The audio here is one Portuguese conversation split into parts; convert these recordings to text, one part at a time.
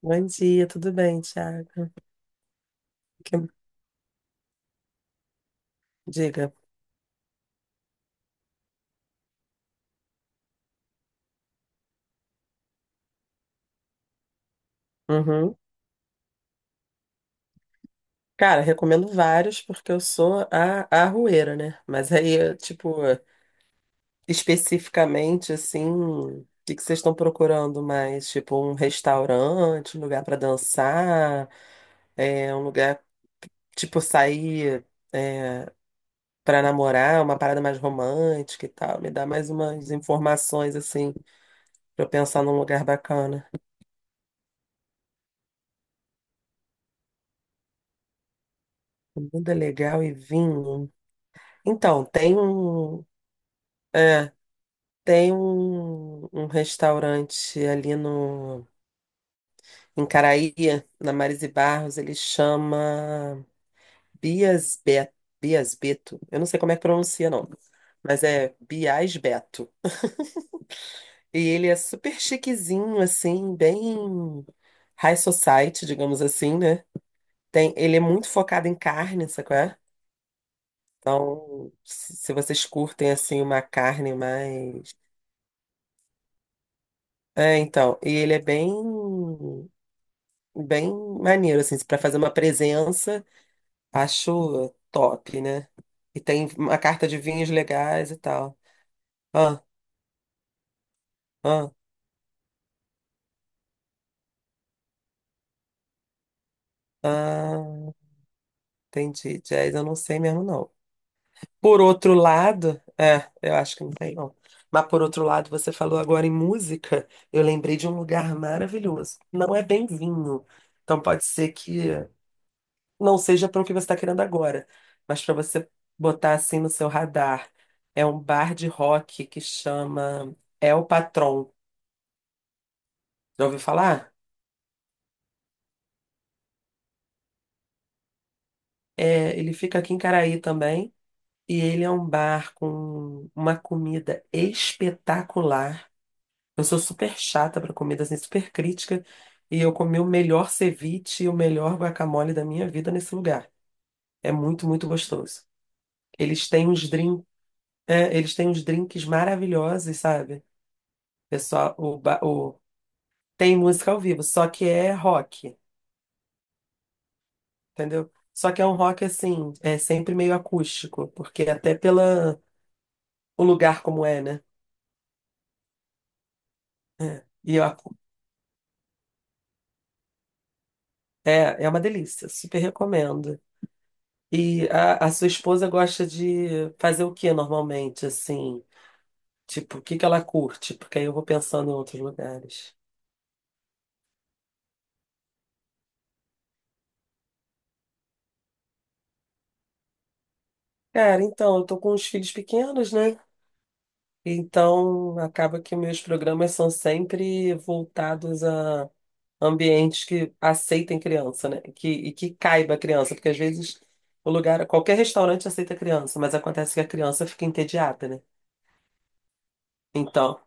Bom dia, tudo bem, Thiago? Que- Diga. Uhum. Cara, recomendo vários porque eu sou a arrueira, né? Mas aí, eu, tipo, especificamente, assim, o que que vocês estão procurando mais? Tipo, um restaurante, um lugar pra dançar, um lugar, tipo, sair é, para namorar, uma parada mais romântica e tal. Me dá mais umas informações, assim, pra eu pensar num lugar bacana. Comida legal e vinho. Então, tem um. É, tem um restaurante ali no, em Caraía, na Marise Barros, ele chama Bias Beto, Bias Beto. Eu não sei como é que pronuncia, não, mas é Bias Beto. E ele é super chiquezinho, assim, bem high society, digamos assim, né? Tem, ele é muito focado em carne, sabe qual é? Então, se vocês curtem, assim, uma carne mais... É, então, e ele é bem bem maneiro, assim, para fazer uma presença, acho top, né? E tem uma carta de vinhos legais e tal. Ah, ah, ah, entendi. Jazz eu não sei mesmo, não. Por outro lado, eu acho que não sei, não. Mas por outro lado, você falou agora em música, eu lembrei de um lugar maravilhoso. Não é bem vinho, então pode ser que não seja para o que você está querendo agora, mas para você botar assim no seu radar. É um bar de rock que chama El Patron. Já ouviu falar? É, ele fica aqui em Caraí também. E ele é um bar com uma comida espetacular. Eu sou super chata para comida, assim, super crítica. E eu comi o melhor ceviche e o melhor guacamole da minha vida nesse lugar. É muito, muito gostoso. Eles têm uns drinks, eles têm uns drinks maravilhosos, sabe? Pessoal, o, ba- o- tem música ao vivo, só que é rock, entendeu? Só que é um rock assim, é sempre meio acústico, porque até pela o lugar como é, né? É, e eu acu- é, é uma delícia, super recomendo. E a sua esposa gosta de fazer o que normalmente, assim? Tipo, o que que ela curte? Porque aí eu vou pensando em outros lugares. Cara, então, eu tô com os filhos pequenos, né? Então, acaba que meus programas são sempre voltados a ambientes que aceitem criança, né? Que, e que caiba a criança, porque às vezes o lugar, qualquer restaurante aceita criança, mas acontece que a criança fica entediada, né? Então,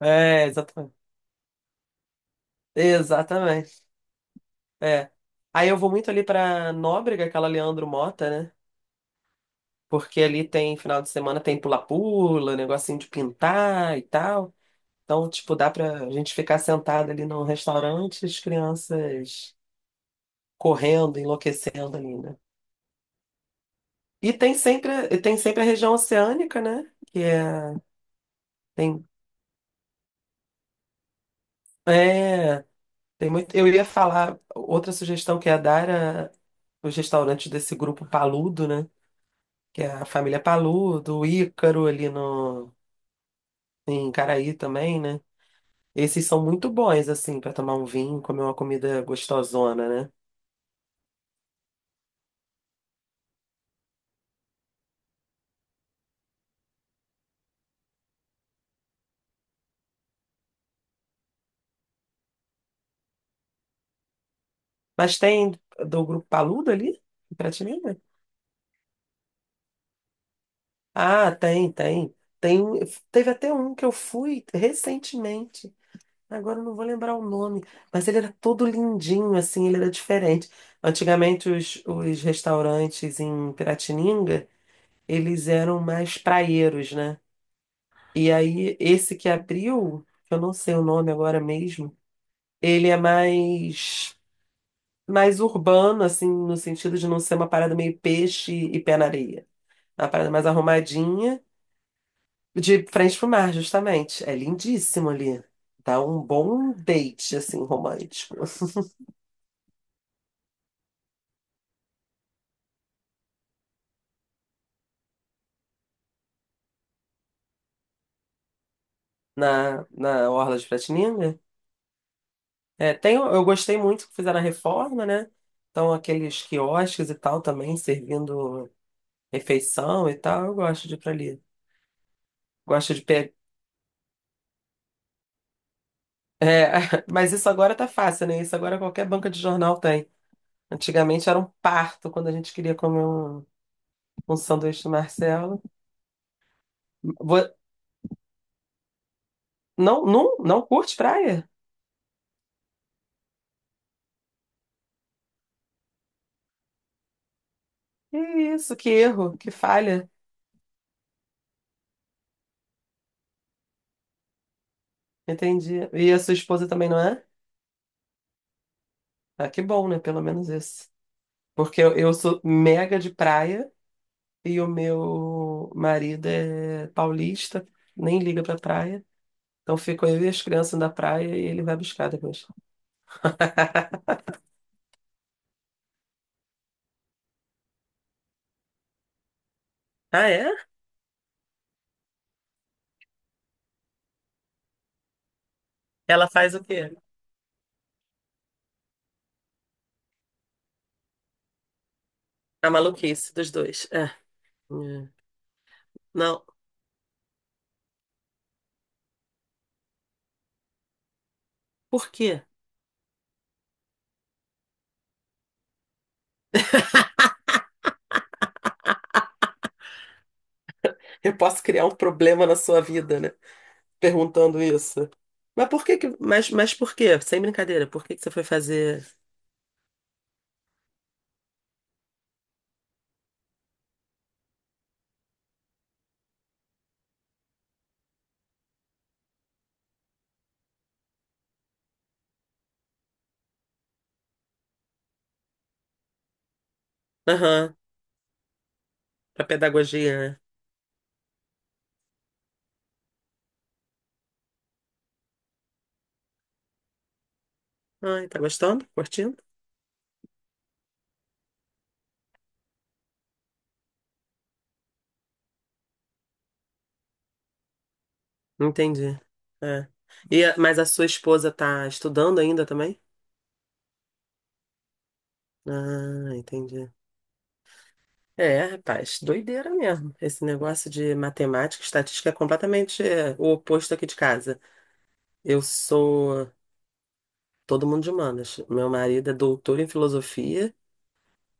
é, exatamente. Exatamente. É. Aí eu vou muito ali pra Nóbrega, aquela Leandro Mota, né? Porque ali tem final de semana tem pula-pula, negocinho de pintar e tal. Então, tipo, dá pra gente ficar sentado ali num restaurante, as crianças correndo, enlouquecendo ali, né? E tem sempre a região oceânica, né? Que tem, é, tem muito. Eu ia falar, outra sugestão que ia dar era os restaurantes desse grupo Paludo, né? Que é a família Paludo, o Ícaro ali no, em Caraí também, né? Esses são muito bons, assim, para tomar um vinho, comer uma comida gostosona, né? Mas tem do grupo Paludo ali? Em Prateleira? Ah, tem, tem. Tem, teve até um que eu fui recentemente. Agora eu não vou lembrar o nome, mas ele era todo lindinho, assim, ele era diferente. Antigamente, os restaurantes em Piratininga, eles eram mais praieiros, né? E aí, esse que abriu, que eu não sei o nome agora mesmo, ele é mais, mais urbano, assim, no sentido de não ser uma parada meio peixe e pé na areia. É uma parada mais arrumadinha, de frente pro mar, justamente. É lindíssimo ali. Dá um bom date, assim, romântico. Na, na Orla de Piratininga. É, tem, eu gostei muito que fizeram a reforma, né? Então, aqueles quiosques e tal também, servindo refeição e tal, eu gosto de ir pra ali. Gosto de pegar. Mas isso agora tá fácil, né? Isso agora qualquer banca de jornal tem. Antigamente era um parto quando a gente queria comer um sanduíche do Marcelo. Vo- Não, não, não curte praia? Que isso, que erro, que falha. Entendi. E a sua esposa também não é? Ah, que bom, né? Pelo menos isso. Porque eu sou mega de praia e o meu marido é paulista, nem liga pra praia. Então fico eu e as crianças na praia e ele vai buscar depois. Ah, é? Ela faz o quê? A maluquice dos dois. É. Hum. Não. Por quê? Eu posso criar um problema na sua vida, né? Perguntando isso. Mas por quê? Sem brincadeira, por que que você foi fazer... Aham, pra pedagogia, né? Ai, tá gostando? Curtindo? Entendi. É. E, mas a sua esposa tá estudando ainda também? Ah, entendi. É, rapaz, doideira mesmo. Esse negócio de matemática, estatística é completamente o oposto aqui de casa. Eu sou todo mundo de humanas. Meu marido é doutor em filosofia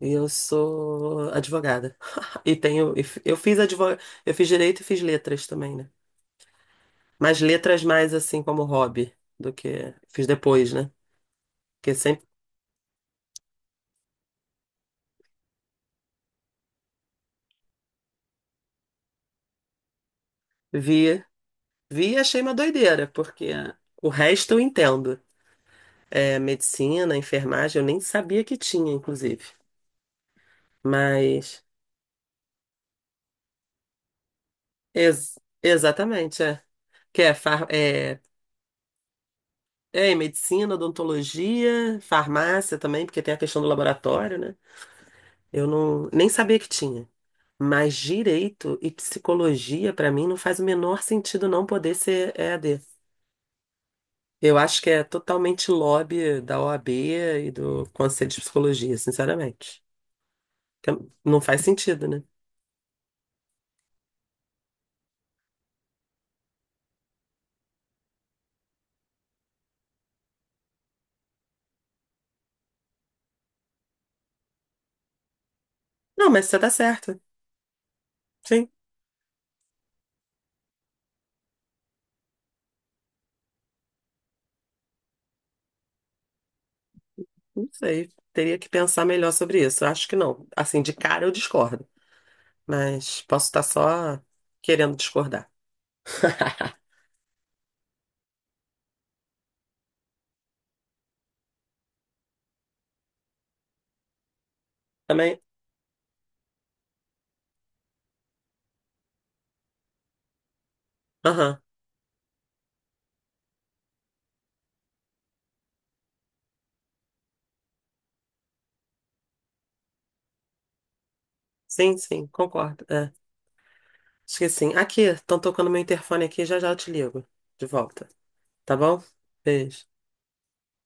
e eu sou advogada. E tenho, e f- eu fiz advog... eu fiz direito e fiz letras também, né? Mas letras mais assim como hobby do que fiz depois, né? Porque sempre vi. Vi e achei uma doideira, porque o resto eu entendo. É, medicina, enfermagem, eu nem sabia que tinha, inclusive. Mas, ex- exatamente, é. Que é, far- é, é medicina, odontologia, farmácia também, porque tem a questão do laboratório, né? Eu não, nem sabia que tinha. Mas direito e psicologia, pra mim, não faz o menor sentido não poder ser EAD. Eu acho que é totalmente lobby da OAB e do Conselho de Psicologia, sinceramente. Tem- Não faz sentido, né? Não, mas você tá certa. Sim, não sei. Teria que pensar melhor sobre isso. Eu acho que não. Assim, de cara eu discordo. Mas posso estar só querendo discordar. Também? Aham. Sim, sim, concordo. É. Acho que sim. Aqui, estão tocando meu interfone aqui, já já eu te ligo. De volta. Tá bom? Beijo.